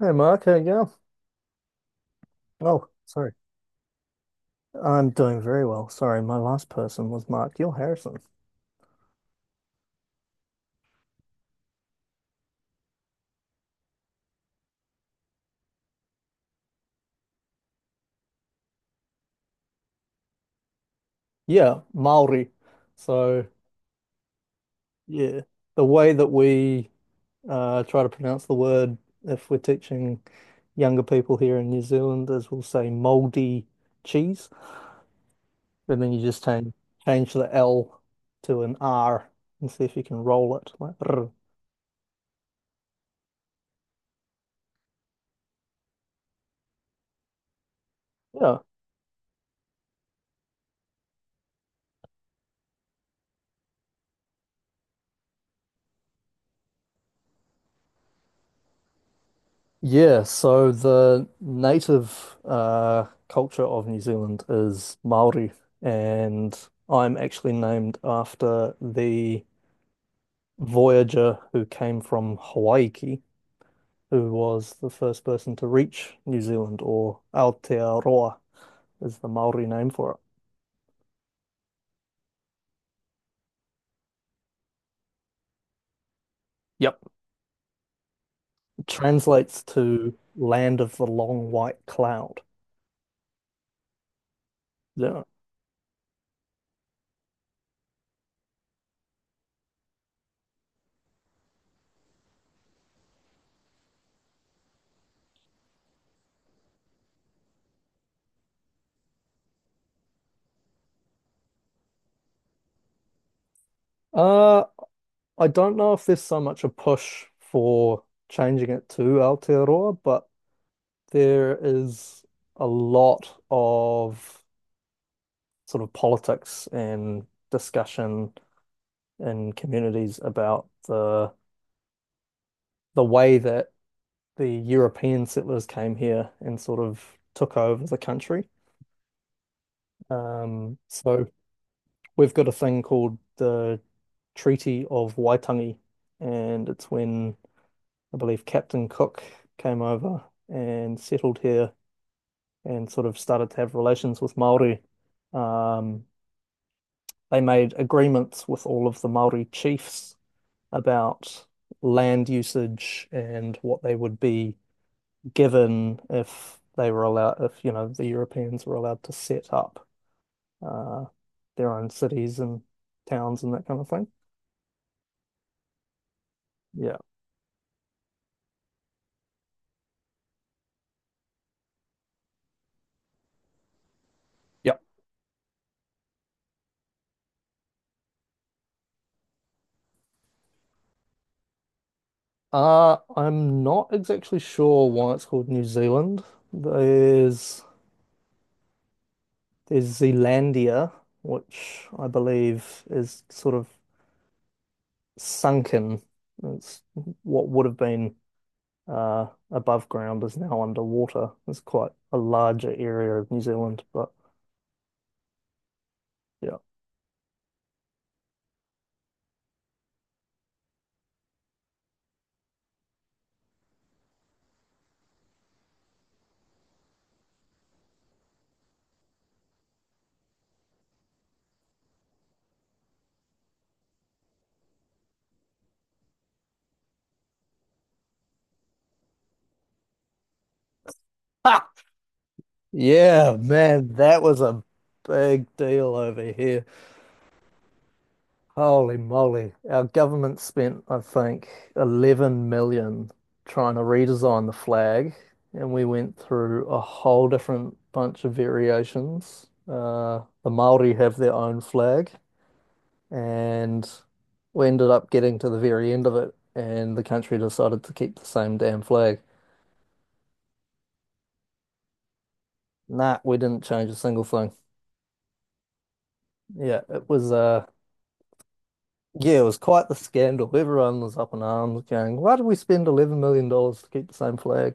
Hey Mark, how you go? Oh, sorry. I'm doing very well. Sorry, my last person was Mark Gill Harrison. Yeah, Maori. So yeah, the way that we try to pronounce the word if we're teaching younger people here in New Zealand is we'll say mouldy cheese, and then you just change the L to an R and see if you can roll it like. "Rrr." Yeah. Yeah, so the native culture of New Zealand is Maori, and I'm actually named after the voyager who came from Hawaii, who was the first person to reach New Zealand, or Aotearoa is the Maori name for it. Yep, translates to land of the long white cloud. Yeah. Uh, I don't know if there's so much a push for changing it to Aotearoa, but there is a lot of sort of politics and discussion in communities about the way that the European settlers came here and sort of took over the country. So we've got a thing called the Treaty of Waitangi, and it's when I believe Captain Cook came over and settled here and sort of started to have relations with Maori. Um, they made agreements with all of the Maori chiefs about land usage and what they would be given if they were allowed, if, you know, the Europeans were allowed to set up uh, their own cities and towns and that kind of thing. Yeah. Yep. I'm not exactly sure why it's called New Zealand. There's there's Zealandia, which I believe is sort of sunken. It's what would have been above ground is now underwater. It's quite a larger area of New Zealand, but yeah. Ha! Yeah, man, that was a big deal over here. Holy moly. Our government spent, I think, 11 million trying to redesign the flag, and we went through a whole different bunch of variations. The Maori have their own flag, and we ended up getting to the very end of it, and the country decided to keep the same damn flag. Nah, we didn't change a single thing. Yeah, it was yeah, it was quite the scandal. Everyone was up in arms going, why did we spend $11 million to keep the same flag?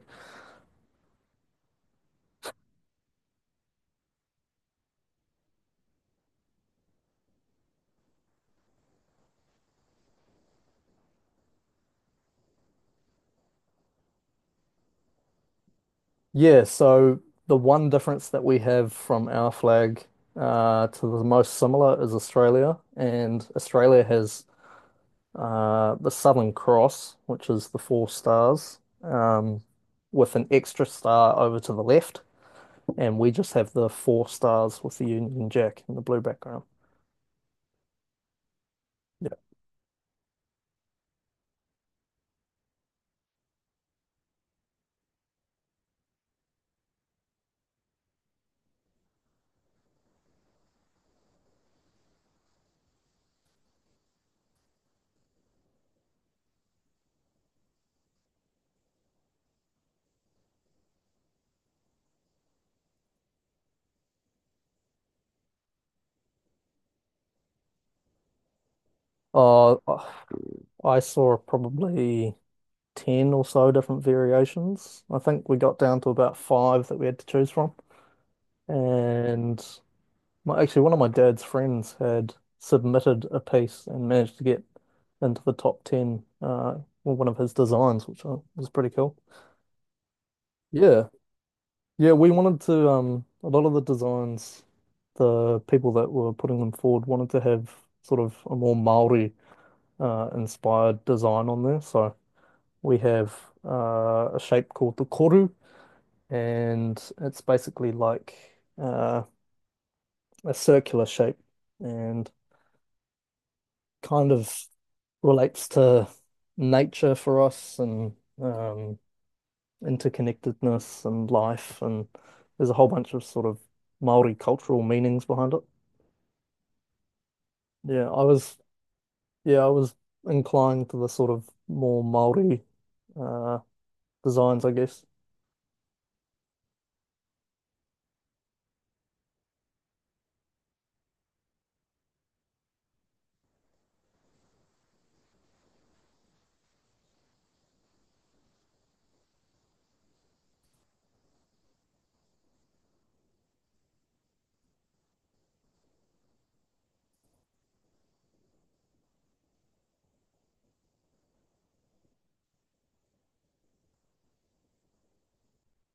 Yeah, so the one difference that we have from our flag to the most similar is Australia, and Australia has the Southern Cross, which is the four stars, with an extra star over to the left, and we just have the four stars with the Union Jack in the blue background. Yeah. Uh, I saw probably 10 or so different variations. I think we got down to about five that we had to choose from. And actually, one of my dad's friends had submitted a piece and managed to get into the top 10 with one of his designs, which was pretty cool. Yeah. Yeah, we wanted to a lot of the designs, the people that were putting them forward wanted to have sort of a more Maori inspired design on there. So we have a shape called the koru, and it's basically like uh a circular shape, and kind of relates to nature for us, and um interconnectedness and life, and there's a whole bunch of sort of Maori cultural meanings behind it. Yeah, I was yeah, I was inclined to the sort of more Maori uh designs, I guess.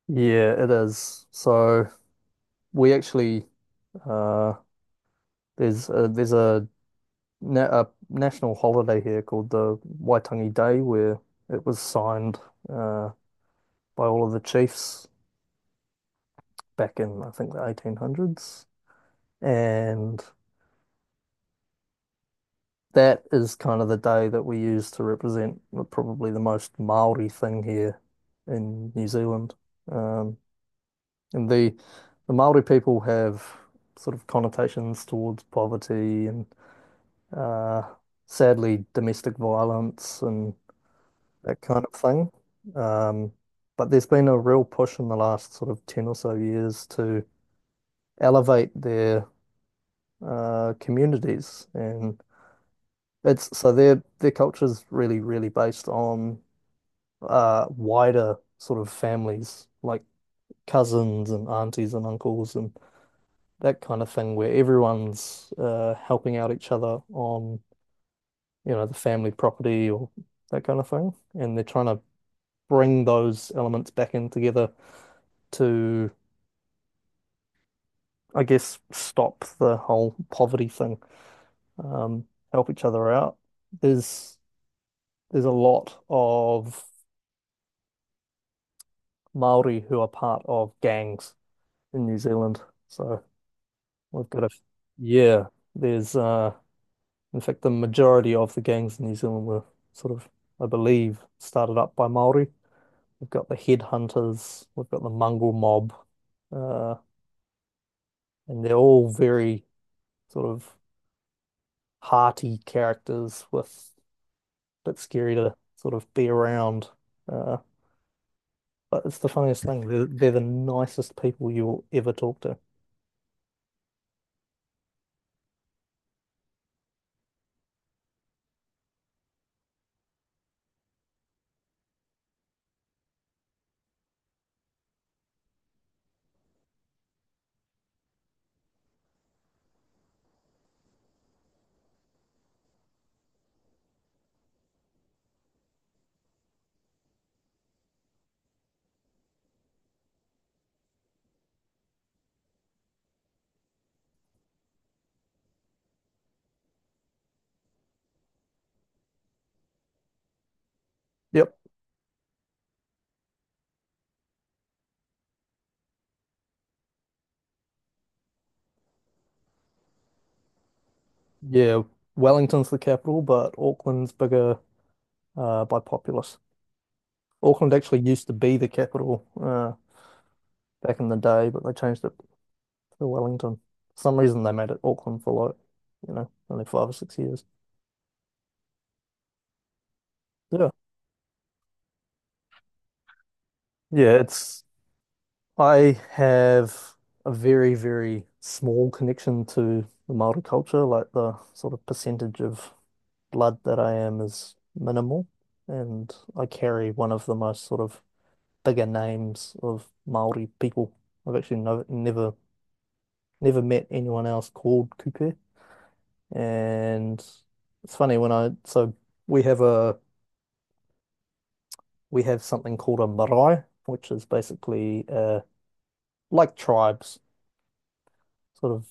Yeah, it is. So we actually uh there's a, na a national holiday here called the Waitangi Day where it was signed uh by all of the chiefs back in I think the 1800s. And that is kind of the day that we use to represent probably the most Maori thing here in New Zealand. Um, and the Maori people have sort of connotations towards poverty and, uh, sadly, domestic violence and that kind of thing. Um, but there's been a real push in the last sort of 10 or so years to elevate their communities. And it's so their culture is really really based on wider sort of families like cousins and aunties and uncles and that kind of thing, where everyone's helping out each other on, you know, the family property or that kind of thing. And they're trying to bring those elements back in together to, I guess, stop the whole poverty thing, um help each other out. There's there's a lot of Maori who are part of gangs in New Zealand. So We've got a yeah, there's, in fact, the majority of the gangs in New Zealand were sort of, I believe, started up by Māori. We've got the headhunters, we've got the mongrel mob, uh, and they're all very sort of hearty characters with a bit scary to sort of be around. Uh, but it's the funniest thing. They're the nicest people you'll ever talk to. Yep. Yeah. Wellington's the capital, but Auckland's bigger, by populace. Auckland actually used to be the capital back in the day, but they changed it to Wellington. For some reason, they made it Auckland for like, you know, only 5 or 6 years. Yeah. Yeah, it's, I have a very, very small connection to the Maori culture. Like the sort of percentage of blood that I am is minimal. And I carry one of the most sort of bigger names of Maori people. I've actually no, never, Never met anyone else called Kupe. And it's funny when I so we have a we have something called a marae, which is basically like tribes, sort of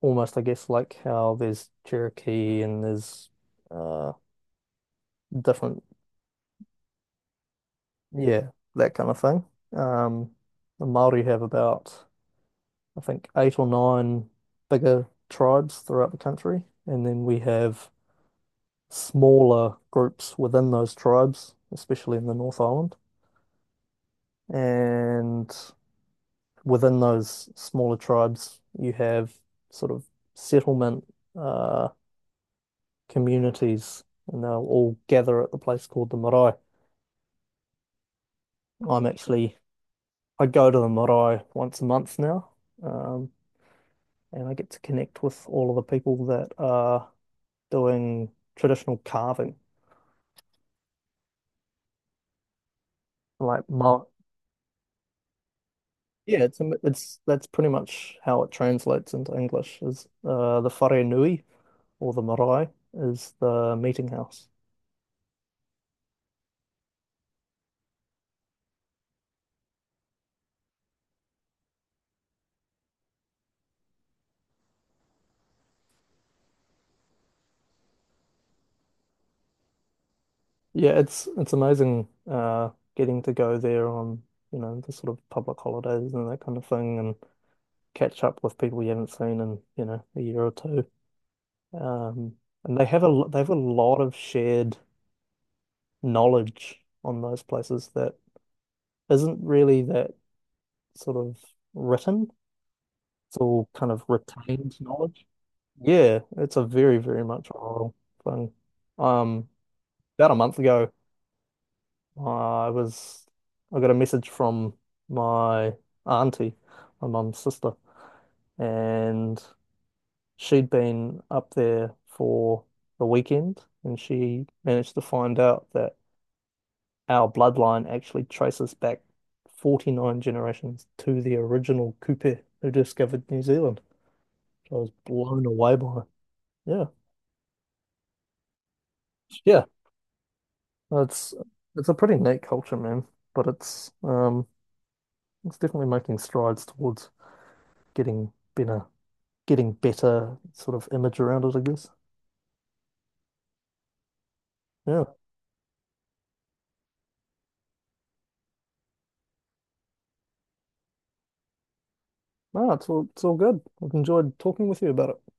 almost, I guess, like how there's Cherokee and there's uh different yeah, that kind of thing. Um the Māori have about, I think, eight or nine bigger tribes throughout the country, and then we have smaller groups within those tribes, especially in the North Island. And within those smaller tribes, you have sort of settlement uh, communities, and they'll all gather at the place called the marae. I'm actually, I go to the marae once a month now, um, and I get to connect with all of the people that are doing traditional carving, like ma Yeah, it's that's pretty much how it translates into English is, the whare nui or the marae is the meeting house. Yeah, it's amazing getting to go there on, you know, the sort of public holidays and that kind of thing and catch up with people you haven't seen in, you know, a year or two. Um and they have a lot of shared knowledge on those places that isn't really that sort of written. It's all kind of retained knowledge. Yeah, it's a very, very much oral thing. Um, about a month ago I was I got a message from my auntie, my mum's sister, and she'd been up there for the weekend, and she managed to find out that our bloodline actually traces back 49 generations to the original Kupe who discovered New Zealand. I was blown away by it. Yeah. Yeah. It's it's a pretty neat culture, man, but it's definitely making strides towards getting better. Getting better sort of image around it, I guess. Yeah. No, it's all good. I've enjoyed talking with you about it.